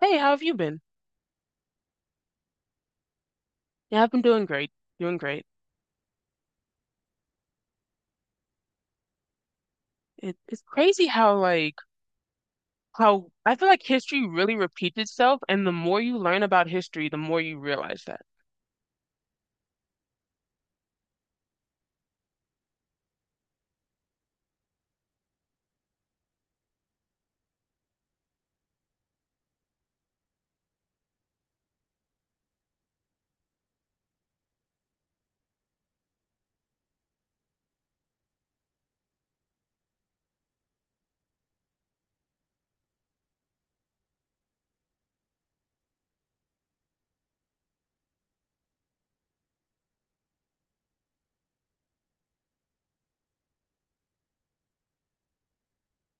Hey, how have you been? Yeah, I've been doing great. Doing great. It's crazy how I feel like history really repeats itself, and the more you learn about history, the more you realize that.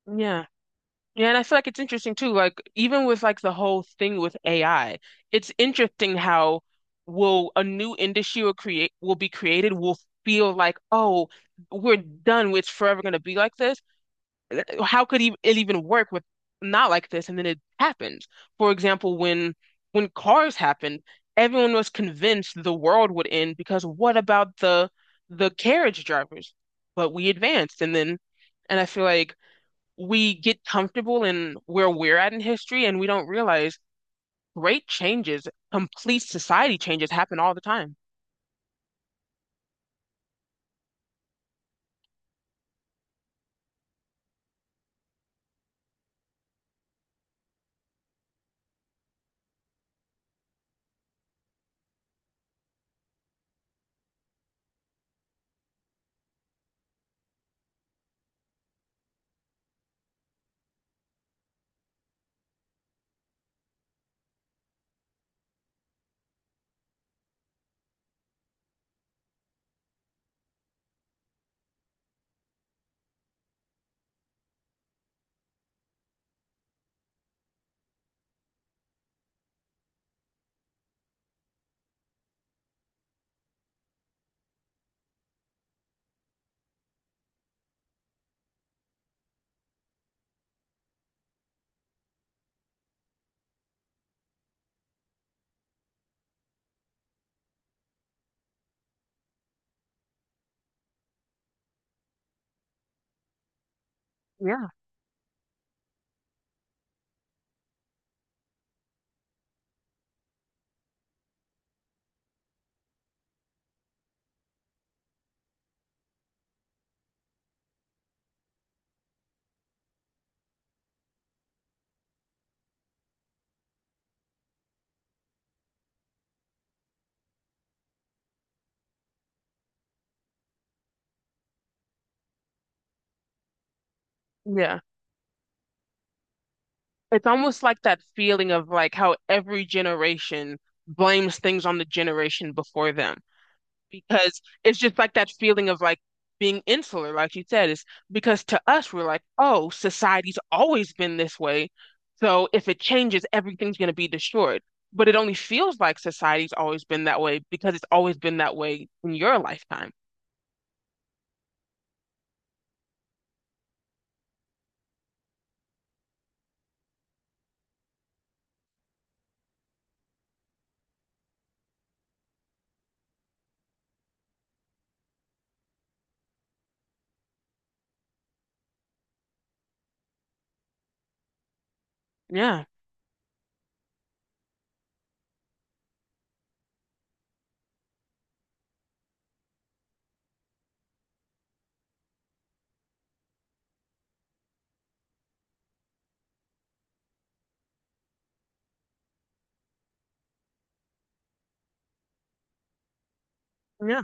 Yeah. Yeah, and I feel like it's interesting too. Like even with like the whole thing with AI, it's interesting how will a new industry will create will be created will feel like, oh, we're done. It's forever going to be like this. How could it even work with not like this? And then it happened. For example, when Cars happened, everyone was convinced the world would end because what about the carriage drivers? But we advanced, and then, and I feel like we get comfortable in where we're at in history, and we don't realize great changes, complete society changes happen all the time. Yeah. Yeah. It's almost like that feeling of like how every generation blames things on the generation before them because it's just like that feeling of like being insular, like you said, is because to us we're like, oh, society's always been this way, so if it changes, everything's going to be destroyed. But it only feels like society's always been that way because it's always been that way in your lifetime. Yeah, yeah,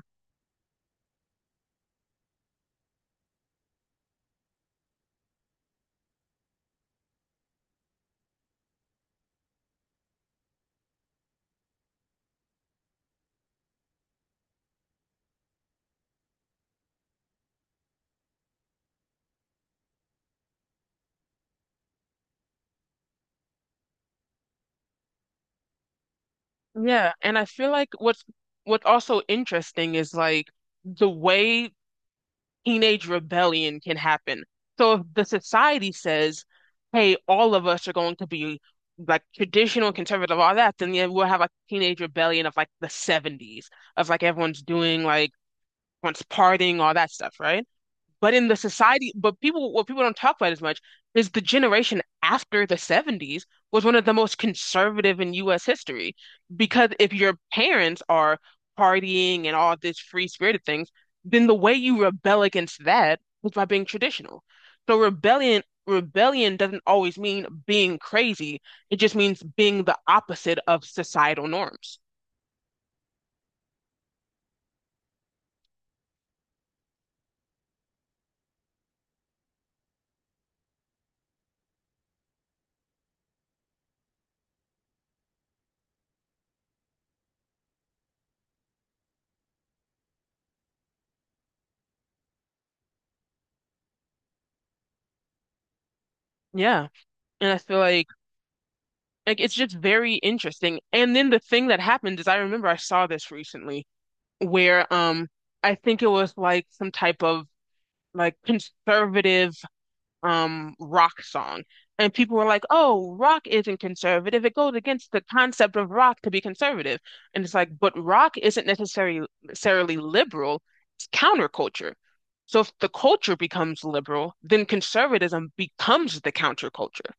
yeah. And I feel like what's also interesting is like the way teenage rebellion can happen. So if the society says, hey, all of us are going to be like traditional conservative, all that, then yeah, we'll have like teenage rebellion of like the 70s, of like everyone's doing like once partying, all that stuff, right? But in the society, but people, what people don't talk about as much is the generation after the 70s was one of the most conservative in US history. Because if your parents are partying and all this free spirited things, then the way you rebel against that was by being traditional. So rebellion doesn't always mean being crazy. It just means being the opposite of societal norms. Yeah. And I feel like it's just very interesting. And then the thing that happened is I remember I saw this recently where I think it was like some type of like conservative rock song. And people were like, "Oh, rock isn't conservative. It goes against the concept of rock to be conservative." And it's like, "But rock isn't necessarily liberal. It's counterculture." So if the culture becomes liberal, then conservatism becomes the counterculture.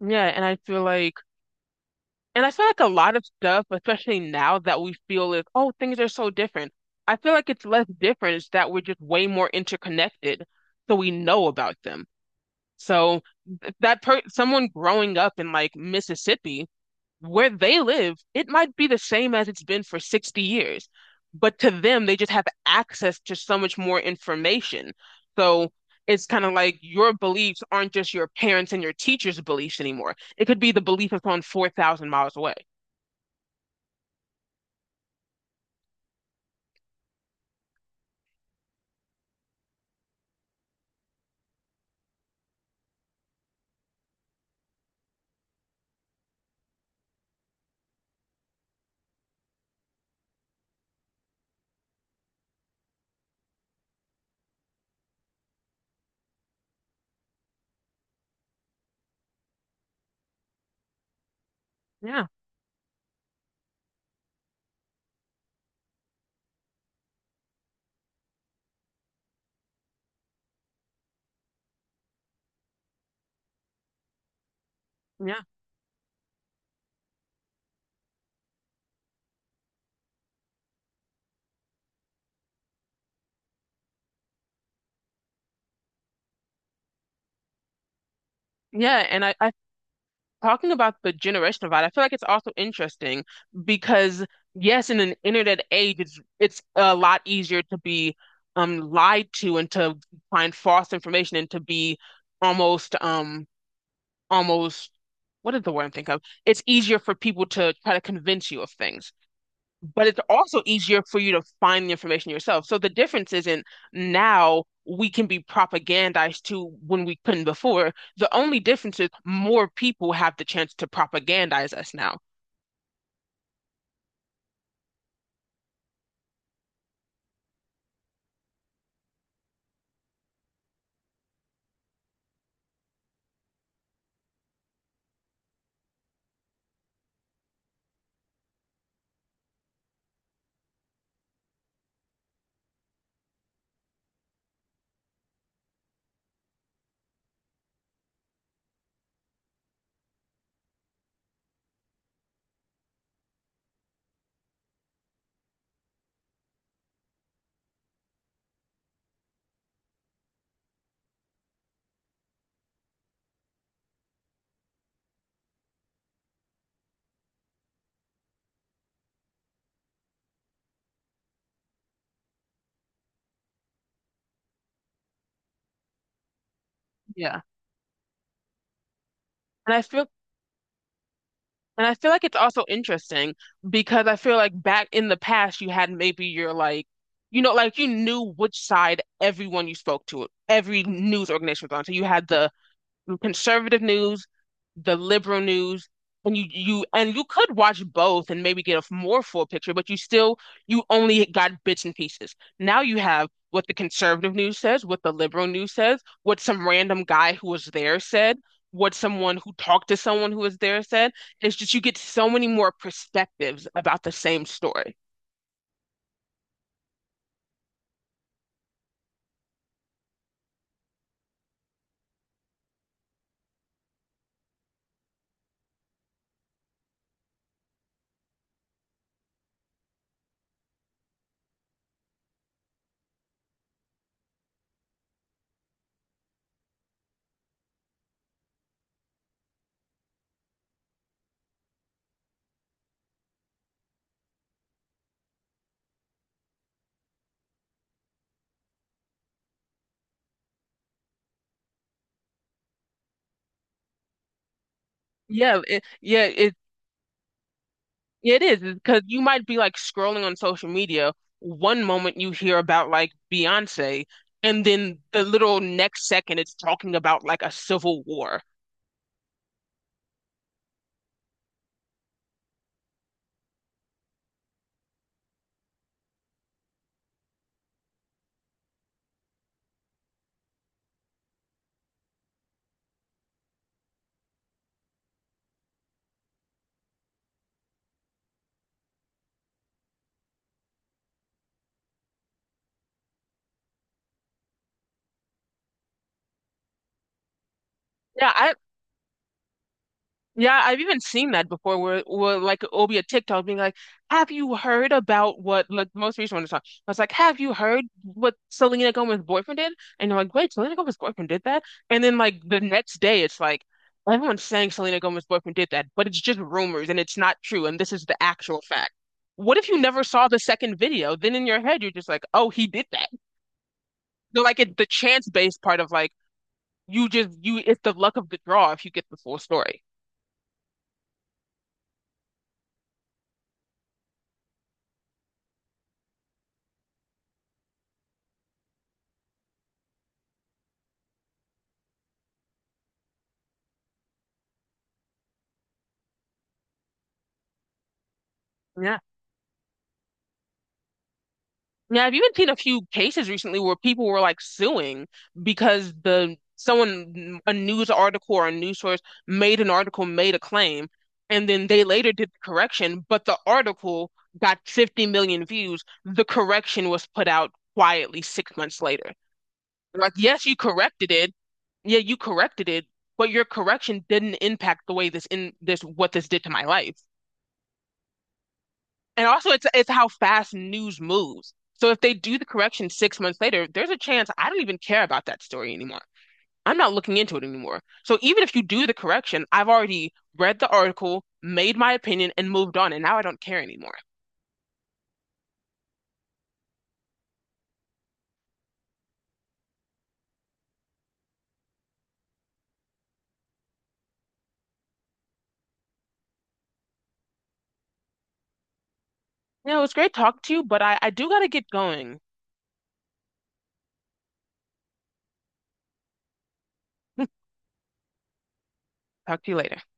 Yeah, and I feel like And I feel like a lot of stuff, especially now that we feel is, oh, things are so different. I feel like it's less different. It's that we're just way more interconnected, so we know about them. So th- that per someone growing up in like Mississippi, where they live, it might be the same as it's been for 60 years, but to them, they just have access to so much more information. So it's kind of like your beliefs aren't just your parents and your teachers' beliefs anymore. It could be the belief of someone 4,000 miles away. Yeah, yeah, yeah. And I Talking about the generational divide, I feel like it's also interesting because yes, in an internet age, it's a lot easier to be lied to and to find false information and to be almost um almost what is the word I'm thinking of? It's easier for people to try to convince you of things. But it's also easier for you to find the information yourself. So the difference isn't now we can be propagandized to when we couldn't before. The only difference is more people have the chance to propagandize us now. Yeah. And I feel and I feel like it's also interesting because I feel like back in the past you had maybe your like you know like you knew which side everyone you spoke to, every news organization was on. So you had the conservative news, the liberal news, and you could watch both and maybe get a more full picture, but you still you only got bits and pieces. Now you have what the conservative news says, what the liberal news says, what some random guy who was there said, what someone who talked to someone who was there said. It's just you get so many more perspectives about the same story. Yeah, it, yeah, it, Yeah, it is because you might be like scrolling on social media. One moment you hear about like Beyonce, and then the little next second it's talking about like a civil war. Yeah, I, Yeah, I've even seen that before where like it'll be a TikTok being like, have you heard about what like the most recent one is on? I was like, have you heard what Selena Gomez's boyfriend did? And you're like, wait, Selena Gomez's boyfriend did that? And then like the next day it's like everyone's saying Selena Gomez's boyfriend did that, but it's just rumors and it's not true and this is the actual fact. What if you never saw the second video? Then in your head you're just like, oh, he did that. So like it, the chance-based part of like you just you it's the luck of the draw if you get the full story. Yeah. Yeah, I've even seen a few cases recently where people were like suing because the someone a news article or a news source made an article, made a claim, and then they later did the correction, but the article got 50 million views. The correction was put out quietly 6 months later. Like, yes, you corrected it. Yeah, you corrected it, but your correction didn't impact the way this in this what this did to my life and also it's how fast news moves. So if they do the correction 6 months later, there's a chance I don't even care about that story anymore. I'm not looking into it anymore. So even if you do the correction, I've already read the article, made my opinion, and moved on, and now I don't care anymore. You know, it's great talking to you, but I do gotta get going. Talk to you later.